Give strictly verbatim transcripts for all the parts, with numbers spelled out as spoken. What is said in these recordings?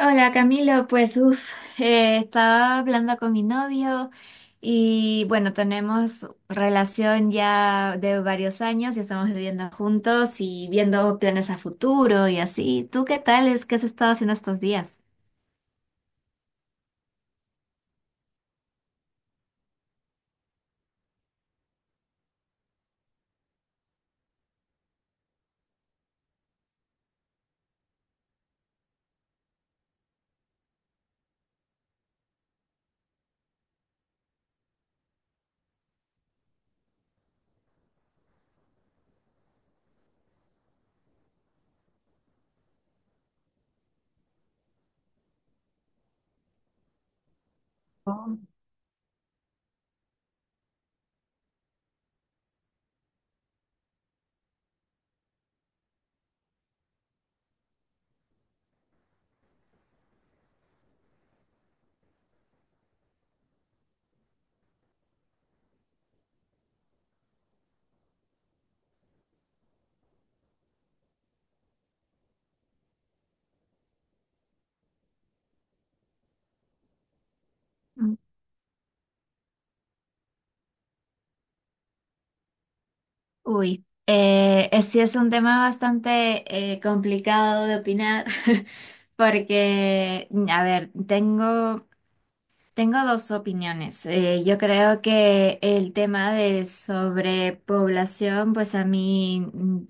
Hola Camilo, pues uff, estaba hablando con mi novio y bueno, tenemos relación ya de varios años y estamos viviendo juntos y viendo planes a futuro y así. ¿Tú qué tal? ¿Es que has estado haciendo estos días? Oh. Mm. Uy, eh, eh, sí es un tema bastante eh, complicado de opinar porque, a ver, tengo Tengo dos opiniones. Eh, yo creo que el tema de sobrepoblación, pues a mí, mm,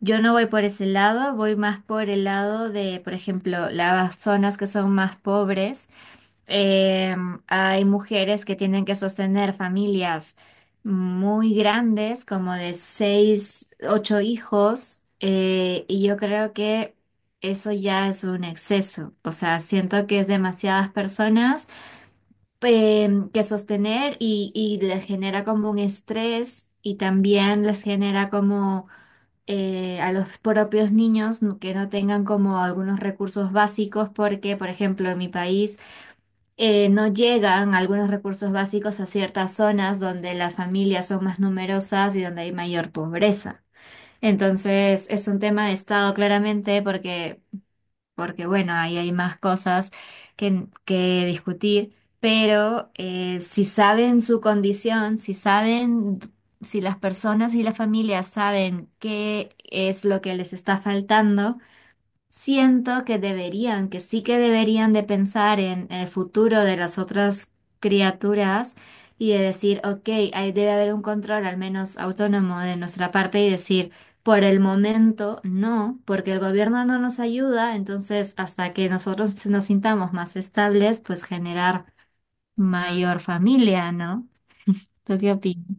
yo no voy por ese lado, voy más por el lado de, por ejemplo, las zonas que son más pobres. Eh, Hay mujeres que tienen que sostener familias muy grandes, como de seis, ocho hijos, eh, y yo creo que eso ya es un exceso. O sea, siento que es demasiadas personas em, que sostener y, y les genera como un estrés y también les genera como eh, a los propios niños no- que no tengan como algunos recursos básicos porque, por ejemplo, en mi país eh, no llegan algunos recursos básicos a ciertas zonas donde las familias son más numerosas y donde hay mayor pobreza. Entonces, es un tema de Estado claramente porque porque bueno, ahí hay más cosas que, que discutir, pero eh, si saben su condición, si saben, si las personas y las familias saben qué es lo que les está faltando, siento que deberían, que sí que deberían de pensar en el futuro de las otras criaturas y de decir, ok, ahí debe haber un control al menos autónomo de nuestra parte y decir, por el momento no, porque el gobierno no nos ayuda, entonces hasta que nosotros nos sintamos más estables, pues generar mayor familia, ¿no? ¿Tú qué opinas?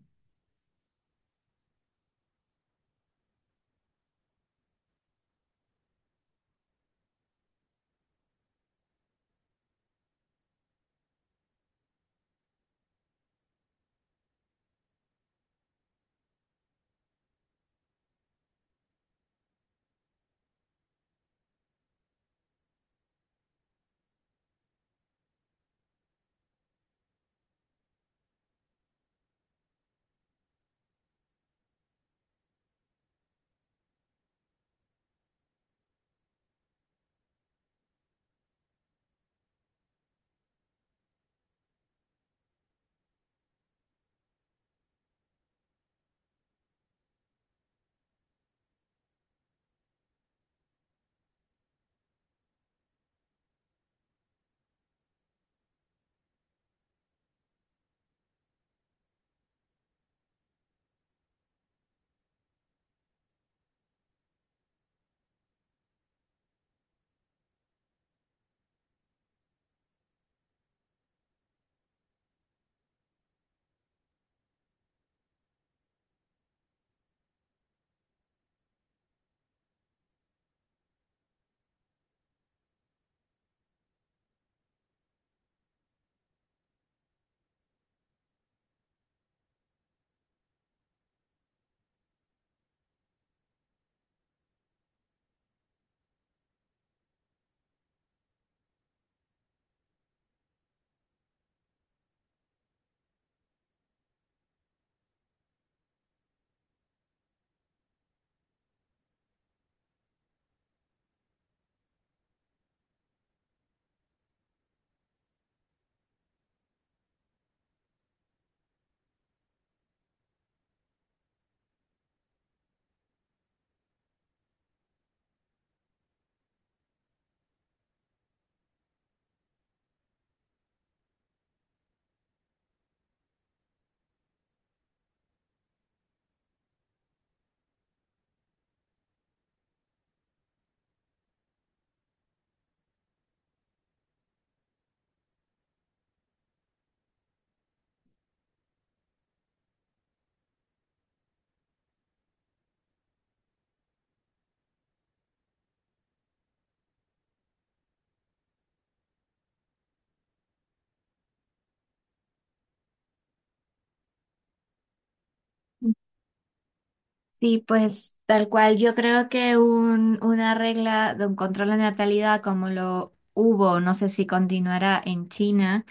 Sí, pues tal cual. Yo creo que un, una regla de un control de natalidad como lo hubo, no sé si continuará en China,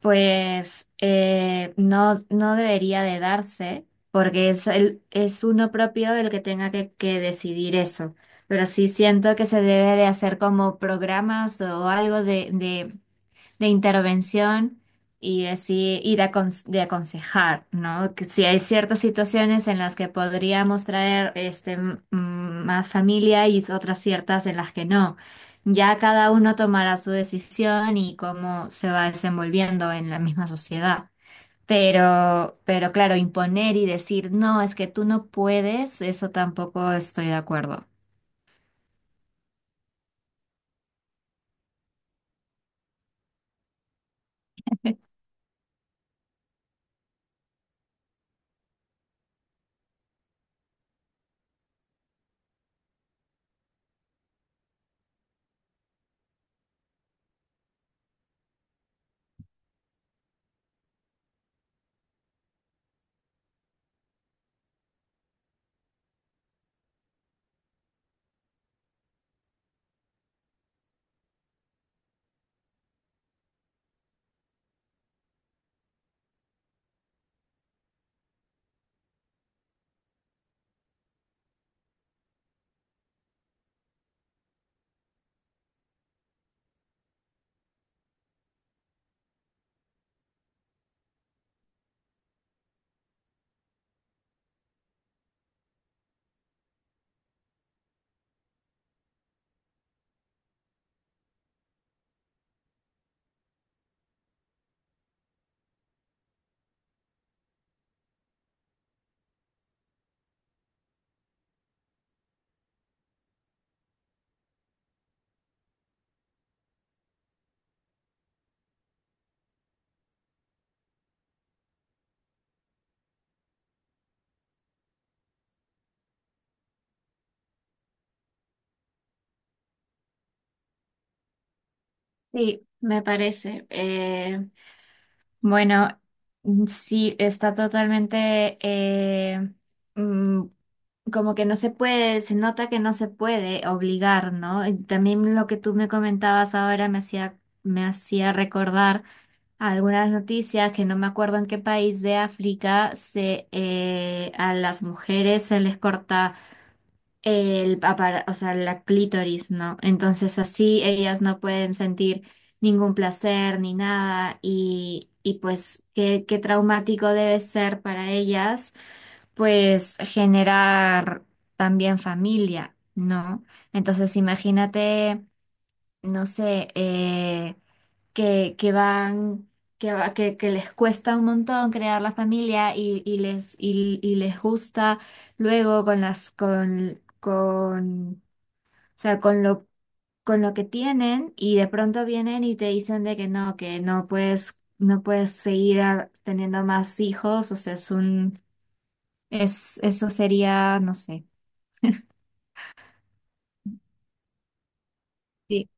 pues eh, no, no debería de darse, porque es, el, es uno propio el que tenga que, que decidir eso. Pero sí siento que se debe de hacer como programas o algo de, de de intervención y decir, y de, acon- de aconsejar, ¿no? Que si hay ciertas situaciones en las que podríamos traer este, m- mm, más familia y otras ciertas en las que no. Ya cada uno tomará su decisión y cómo se va desenvolviendo en la misma sociedad. Pero, pero claro, imponer y decir, no, es que tú no puedes, eso tampoco estoy de acuerdo. Sí, me parece. Bueno, mm, sí, está totalmente eh, mm, como que no se puede, se nota que no se puede obligar, ¿no? Y también lo que tú me comentabas ahora me hacía, me hacía recordar algunas noticias que no me acuerdo en qué país de África se eh, a las mujeres se les corta el, apar- o sea, la clítoris, ¿no? Entonces así ellas no pueden sentir ningún placer ni nada y, y pues qué, qué traumático debe ser para ellas, pues generar también familia, ¿no? Entonces imagínate, no sé, eh, que, que van, que, va- que, que les cuesta un montón crear la familia y, y les, y, y les gusta luego con las, con, con, o sea, con lo, con lo que tienen y de pronto vienen y te dicen de que no, que no puedes, no puedes seguir a- teniendo más hijos, o sea, es un, es, eso sería, no sé. Sí.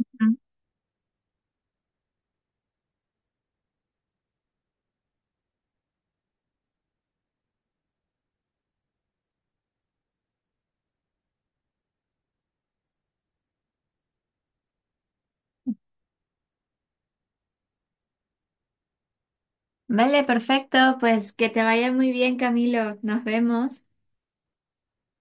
Ujú. Vale, perfecto, pues que te vaya muy bien, Camilo. Nos vemos.